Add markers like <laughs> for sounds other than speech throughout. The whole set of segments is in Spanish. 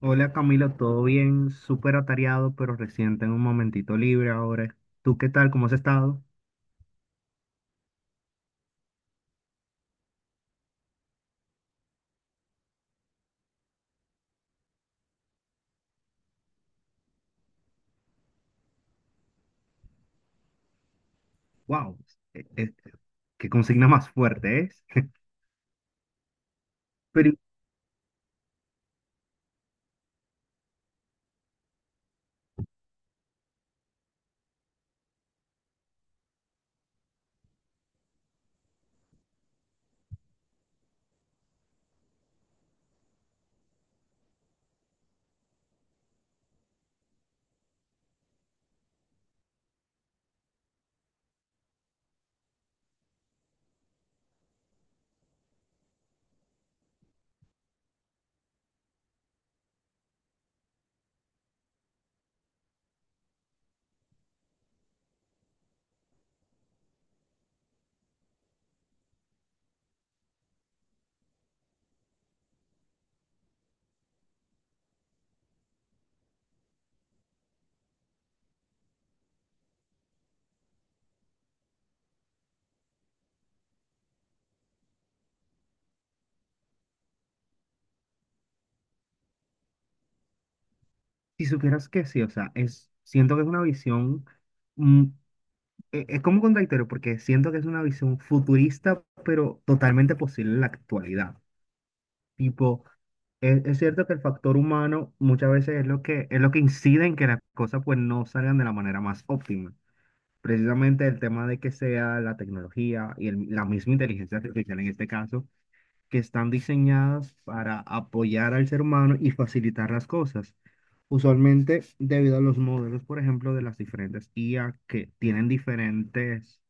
Hola Camilo, todo bien, súper atareado, pero recién tengo un momentito libre ahora. ¿Tú qué tal? ¿Cómo has estado? ¡Wow! Eh, eh, qué consigna más fuerte es. Pero y- si supieras que sí, o sea, siento que es una visión, mm, es como contradictorio, porque siento que es una visión futurista, pero totalmente posible en la actualidad. Tipo, es cierto que el factor humano muchas veces es lo que incide en que las cosas pues no salgan de la manera más óptima. Precisamente el tema de que sea la tecnología y la misma inteligencia artificial en este caso, que están diseñadas para apoyar al ser humano y facilitar las cosas. Usualmente, debido a los modelos, por ejemplo, de las diferentes IA que tienen diferentes,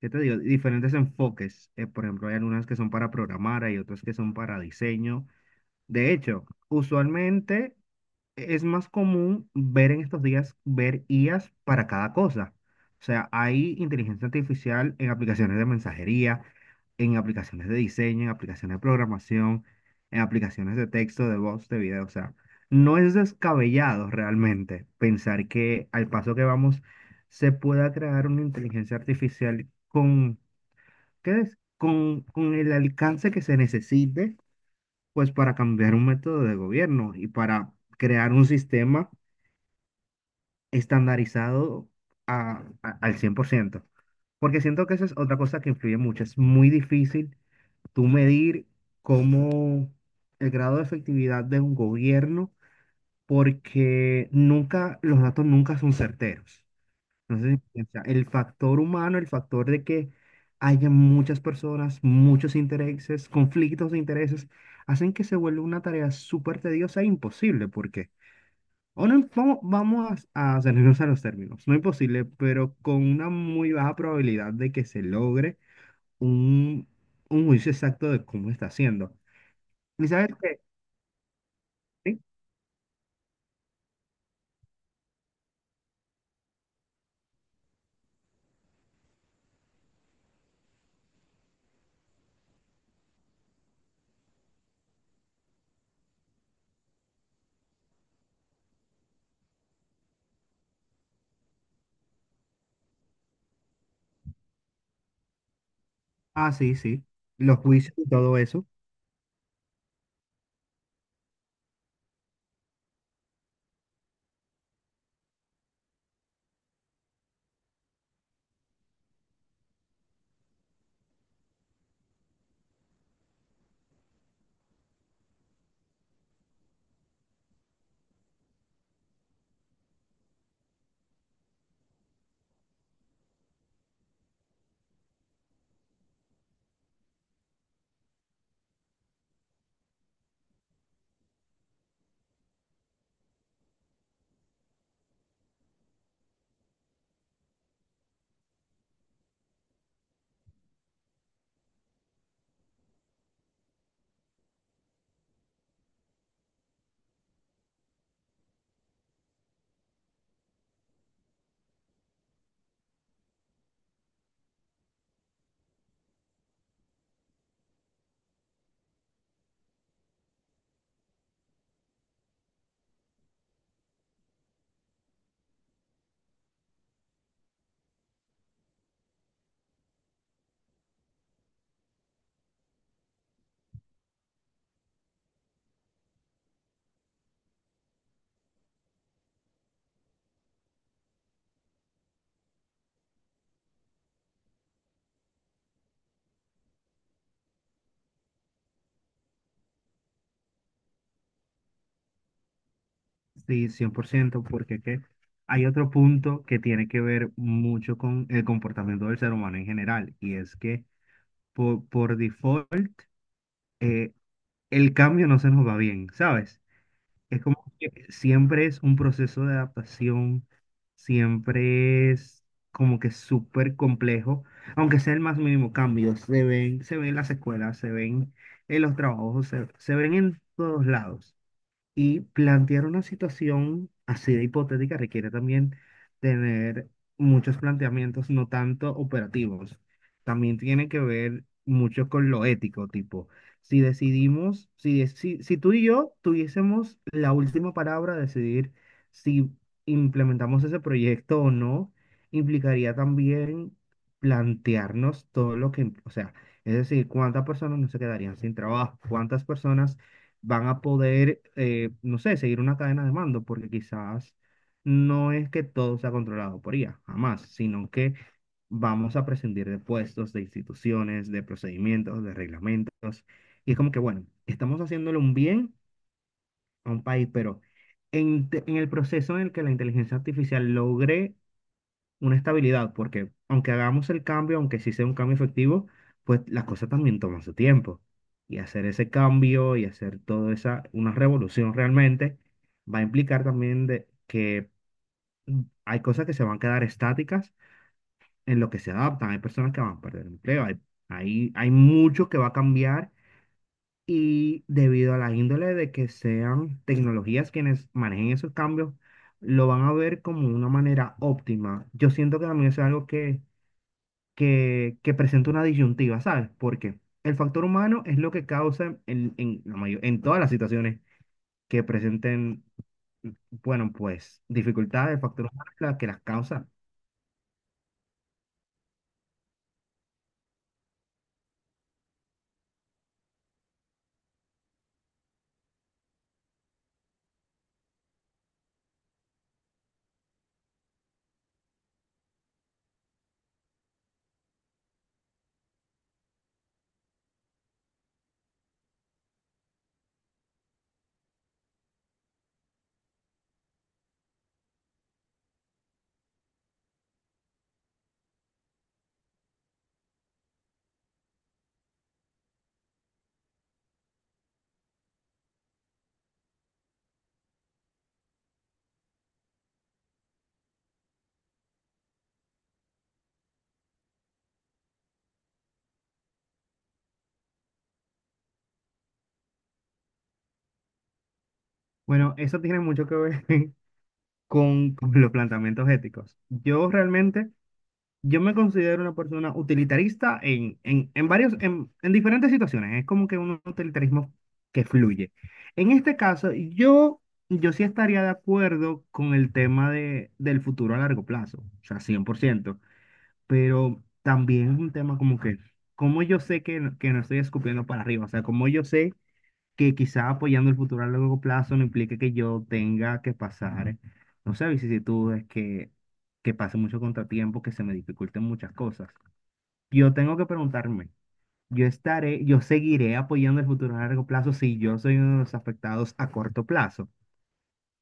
¿qué te digo? Diferentes enfoques. Por ejemplo, hay algunas que son para programar, hay otras que son para diseño. De hecho, usualmente es más común ver en estos días, ver IAs para cada cosa. O sea, hay inteligencia artificial en aplicaciones de mensajería, en aplicaciones de diseño, en aplicaciones de programación, en aplicaciones de texto, de voz, de video. O sea, no es descabellado realmente pensar que al paso que vamos se pueda crear una inteligencia artificial con, ¿qué es? Con el alcance que se necesite, pues para cambiar un método de gobierno y para crear un sistema estandarizado al 100%. Porque siento que esa es otra cosa que influye mucho. Es muy difícil tú medir cómo el grado de efectividad de un gobierno, porque nunca, los datos nunca son certeros. Entonces, o sea, el factor humano, el factor de que haya muchas personas, muchos intereses, conflictos de intereses, hacen que se vuelva una tarea súper tediosa e imposible, porque ahora a ceñirnos a los términos. No imposible, pero con una muy baja probabilidad de que se logre un, un juicio exacto de cómo está haciendo. ¿Y sabes qué? Sí. Ah, sí, sí. Los juicios y todo eso, sí, 100% porque ¿qué? Hay otro punto que tiene que ver mucho con el comportamiento del ser humano en general, y es que por default eh, el cambio no se nos va bien, ¿sabes? Es como que siempre es un proceso de adaptación, siempre es como que súper complejo, aunque sea el más mínimo cambio, se ven en las escuelas, se ven en los trabajos, se ven en todos lados. Y plantear una situación así de hipotética requiere también tener muchos planteamientos, no tanto operativos. También tiene que ver mucho con lo ético, tipo, si, si tú y yo tuviésemos la última palabra, de decidir si implementamos ese proyecto o no, implicaría también plantearnos todo lo que, o sea, es decir, cuántas personas no se quedarían sin trabajo, cuántas personas van a poder, no sé, seguir una cadena de mando, porque quizás no es que todo sea controlado por IA, jamás, sino que vamos a prescindir de puestos, de instituciones, de procedimientos, de reglamentos. Y es como que, bueno, estamos haciéndole un bien a un país, pero en el proceso en el que la inteligencia artificial logre una estabilidad, porque aunque hagamos el cambio, aunque sí sea un cambio efectivo, pues las cosas también toman su tiempo. Y hacer ese cambio y hacer toda esa, una revolución realmente, va a implicar también de, que hay cosas que se van a quedar estáticas en lo que se adaptan. Hay personas que van a perder empleo, hay mucho que va a cambiar. Y debido a la índole de que sean tecnologías quienes manejen esos cambios, lo van a ver como una manera óptima. Yo siento que también es algo que presenta una disyuntiva, ¿sabes? Porque el factor humano es lo que causa la en todas las situaciones que presenten, bueno, pues dificultades, el factor humano es la que las causa. Bueno, eso tiene mucho que ver <laughs> con los planteamientos éticos. Yo realmente... Yo me considero una persona utilitarista en varios, en diferentes situaciones. Es como que un utilitarismo que fluye. En este caso, yo sí estaría de acuerdo con el tema de, del futuro a largo plazo, o sea, 100%, pero también es un tema como que, como yo sé que, que no estoy escupiendo para arriba, o sea, como yo sé que quizá apoyando el futuro a largo plazo no implique que yo tenga que pasar, no sé, vicisitudes, que pase mucho contratiempo, que se me dificulten muchas cosas. Yo tengo que preguntarme, yo seguiré apoyando el futuro a largo plazo si yo soy uno de los afectados a corto plazo.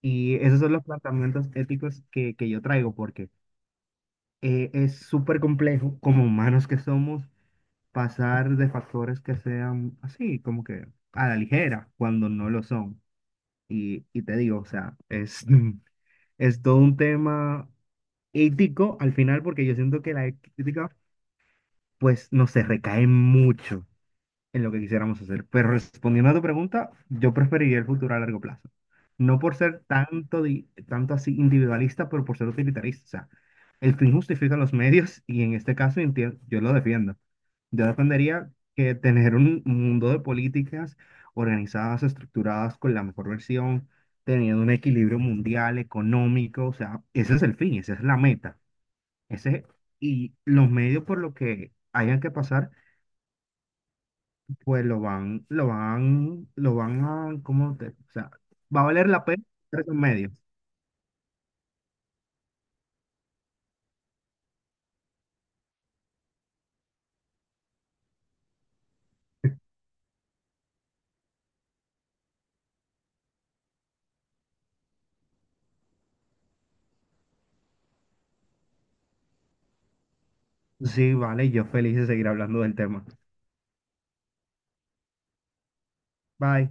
Y esos son los planteamientos éticos que yo traigo, porque es súper complejo, como humanos que somos, pasar de factores que sean así, como que a la ligera, cuando no lo son. Y te digo, o sea, es, <laughs> es todo un tema ético al final, porque yo siento que la ética, pues, no se recae mucho en lo que quisiéramos hacer. Pero respondiendo a tu pregunta, yo preferiría el futuro a largo plazo. No por ser tanto, tanto así individualista, pero por ser utilitarista. O sea, el fin justifica los medios y en este caso yo lo defiendo. Yo defendería que tener un mundo de políticas organizadas, estructuradas con la mejor versión, teniendo un equilibrio mundial, económico, o sea, ese es el fin, esa es la meta. Ese, y los medios por lo que hayan que pasar, pues lo van a, ¿cómo o sea, va a valer la pena esos medios. Sí, vale, yo feliz de seguir hablando del tema. Bye.